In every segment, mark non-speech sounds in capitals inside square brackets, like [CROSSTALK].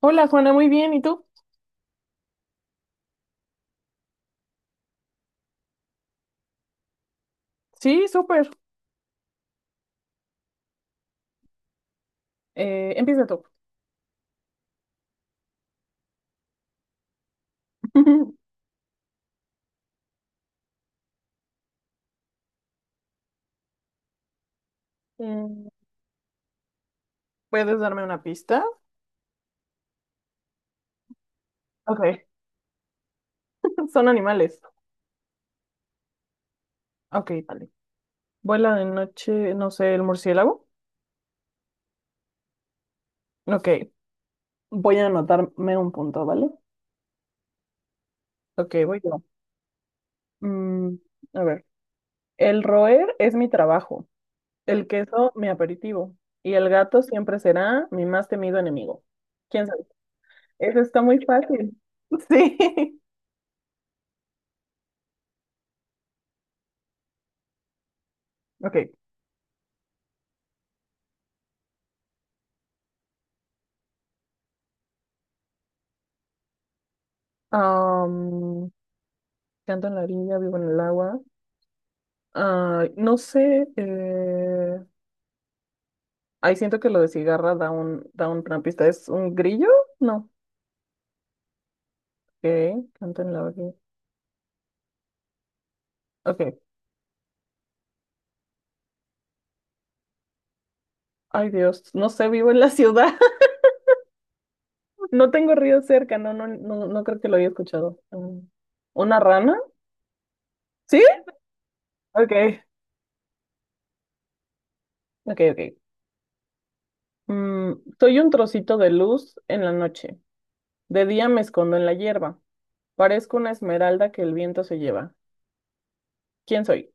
Hola Juana, muy bien. ¿Y tú? Sí, súper. Empieza tú. [LAUGHS] Mm, ¿Puedes darme una pista? Ok. [LAUGHS] Son animales. Ok, vale. Vuela de noche, no sé, el murciélago. Ok. Voy a anotarme un punto, ¿vale? Ok, voy yo. Mm, a ver. El roer es mi trabajo, el queso mi aperitivo y el gato siempre será mi más temido enemigo. ¿Quién sabe? Eso está muy fácil. [LAUGHS] Sí. Ok. Am, Canto en la orilla, vivo en el agua. Ah, no sé, ahí siento que lo de cigarra da un, una pista. ¿Es un grillo? No. Ok, canto en la orilla. Ok. Ay, Dios, no sé, vivo en la ciudad. [LAUGHS] No tengo río cerca, no creo que lo haya escuchado. Mm. ¿Una rana? ¿Sí? Ok, ok. Mm, Soy un trocito de luz en la noche. De día me escondo en la hierba. Parezco una esmeralda que el viento se lleva. ¿Quién soy?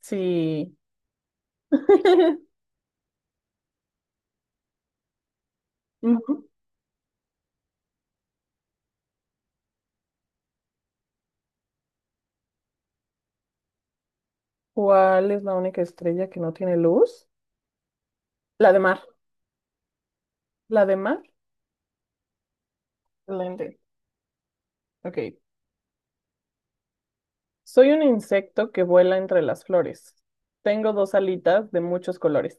Sí. [LAUGHS] Ujú. ¿Cuál es la única estrella que no tiene luz? La de mar. La de mar. Excelente. Ok. Soy un insecto que vuela entre las flores. Tengo dos alitas de muchos colores.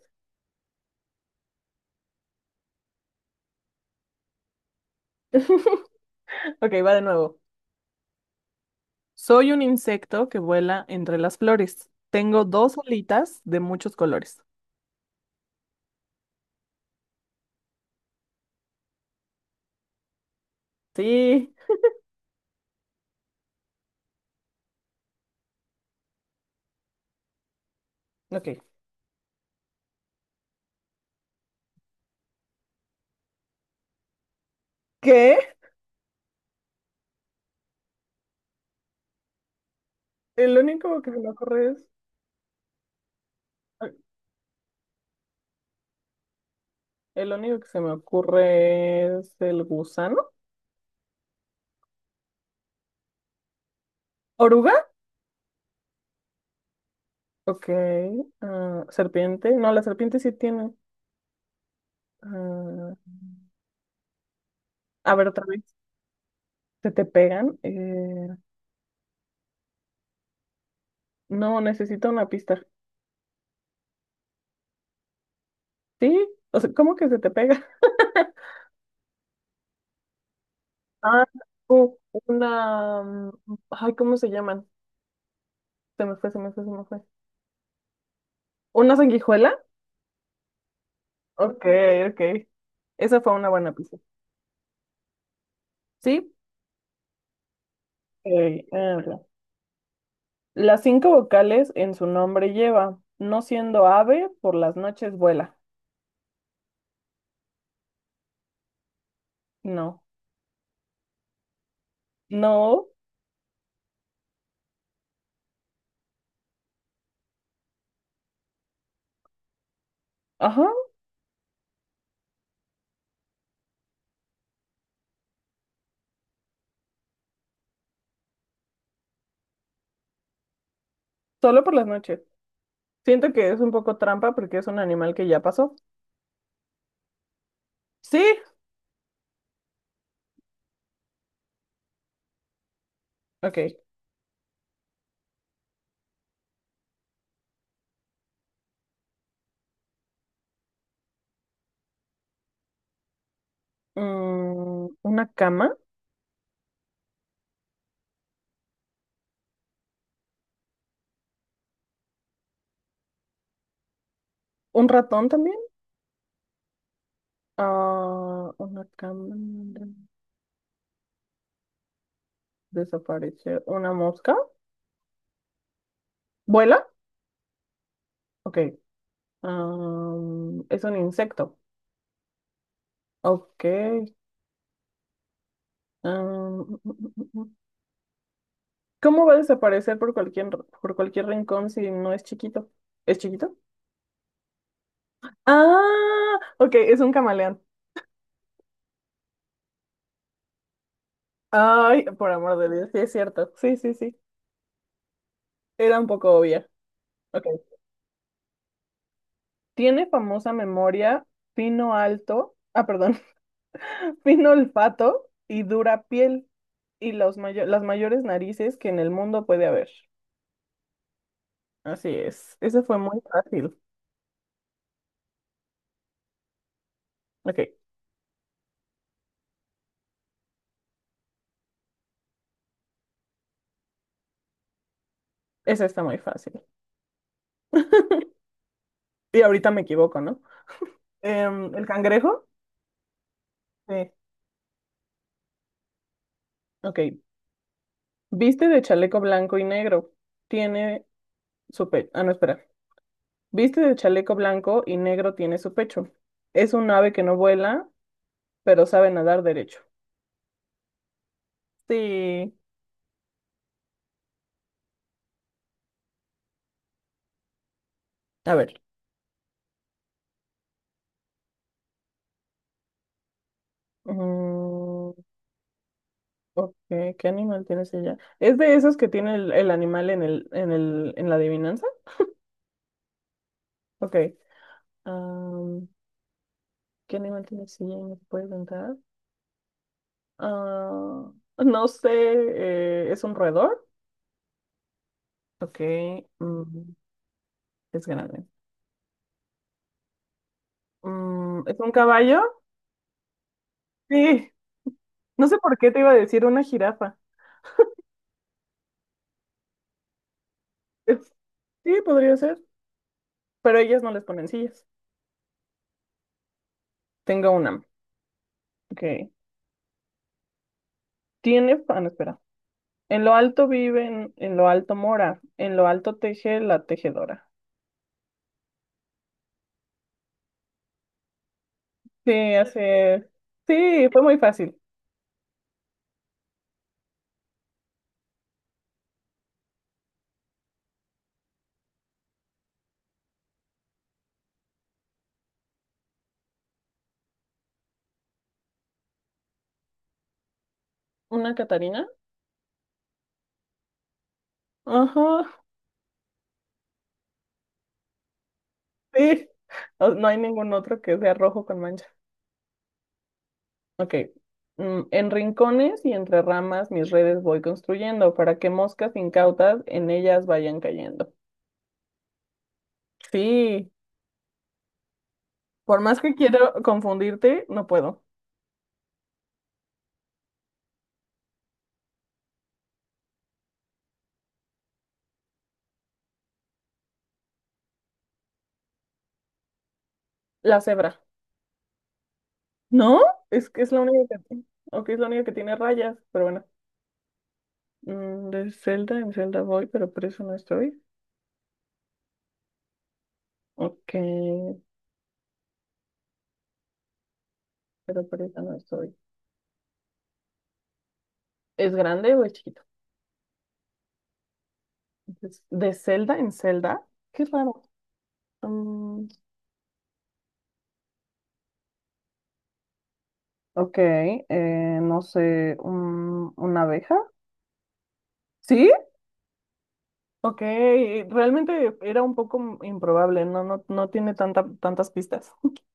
Ok, va de nuevo. Soy un insecto que vuela entre las flores. Tengo dos alitas de muchos colores. Sí. Ok. ¿Qué? El único que se me ocurre es... El único que se me ocurre es el gusano. ¿Oruga? Ok. Ah, serpiente. No, la serpiente sí tiene. Ah, a ver otra vez. ¿Se te pegan? No, necesito una pista. ¿Sí? O sea, ¿cómo que se te pega? [LAUGHS] Ah, u- una... Ay, ¿cómo se llaman? Se me fue. ¿Una sanguijuela? Ok, ok. Esa fue una buena pista. ¿Sí? Ok, a ver. Las cinco vocales en su nombre lleva, no siendo ave, por las noches vuela. No. No. Ajá, solo por las noches. Siento que es un poco trampa porque es un animal que ya pasó. Sí, ok. Mm, una cama, un ratón también. Ah, una cama desaparece. Una mosca. ¿Vuela? Ok. Am, es un insecto. Ok. Am, mm, mm, mm. mm, mm. ¿Cómo va a desaparecer por cualquier, rincón si no es chiquito? ¿Es chiquito? Ah, ok, es un camaleón. Ay, por amor de Dios, sí es cierto. Sí, sí, sí. Era un poco obvia. Ok. Tiene famosa memoria, fino alto, ah, perdón, [LAUGHS] fino olfato y dura piel y las mayores narices que en el mundo puede haber. Así es. Ese fue muy fácil. Ok, ese está muy fácil. Y ahorita me equivoco, ¿no? Em, ¿el cangrejo? Sí. Ok. Viste de chaleco blanco y negro. Tiene su pecho. Ah, no, espera. Viste de chaleco blanco y negro tiene su pecho. Es un ave que no vuela, pero sabe nadar derecho. Sí. A ver. Mm, ok, ¿qué animal tienes ella? ¿Es de esos que tiene el, animal en el, en la adivinanza? Ok. am, ¿Qué animal tiene silla y no se puede sentar? Ah, no sé, ¿es un roedor? Ok, mm, es grande. ¿Es un caballo? Sí, no sé por qué te iba a decir una jirafa. [LAUGHS] Es- sí, podría ser, pero ellas no les ponen sillas. Tengo una. Ok. ¿Tiene... Ah, no, espera. En lo alto viven, en lo alto mora, en lo alto teje la tejedora. Sí, hace, sí, fue muy fácil. ¿Una Catarina? Ajá, sí. No, no hay ningún otro que sea rojo con mancha. Ok. Mm, en rincones y entre ramas mis redes voy construyendo para que moscas incautas en ellas vayan cayendo. Sí, por más que quiero confundirte, no puedo. La cebra. ¿No? Es que es la única que, ok, es la única que tiene rayas, pero bueno. Mm, de Zelda en Zelda voy, pero por eso no estoy. Ok, pero por eso no estoy. ¿Es grande o es chiquito? Entonces, de Zelda en Zelda. Qué raro. Mm, ok, no sé, una abeja. ¿Sí? Ok, realmente era un poco improbable, no tiene tanta, tantas pistas. [LAUGHS]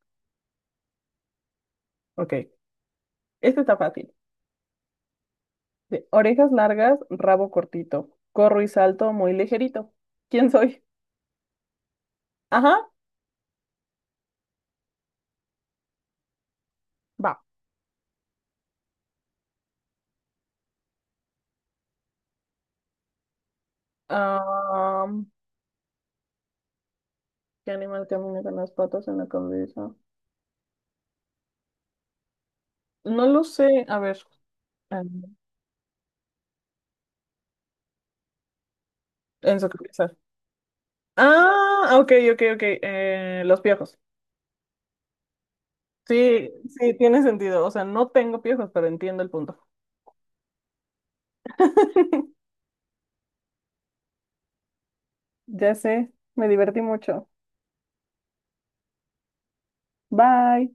Ok, este está fácil. De orejas largas, rabo cortito. Corro y salto muy ligerito. ¿Quién soy? Ajá, va. ¿Qué animal camina con las patas en la cabeza? No lo sé. A ver. Ah, en su cabeza. Ah, ok, Eh, los piojos. Sí, sí, tiene sentido. O sea, no tengo piojos, pero entiendo el punto. [LAUGHS] Ya sé. Me divertí mucho. Bye.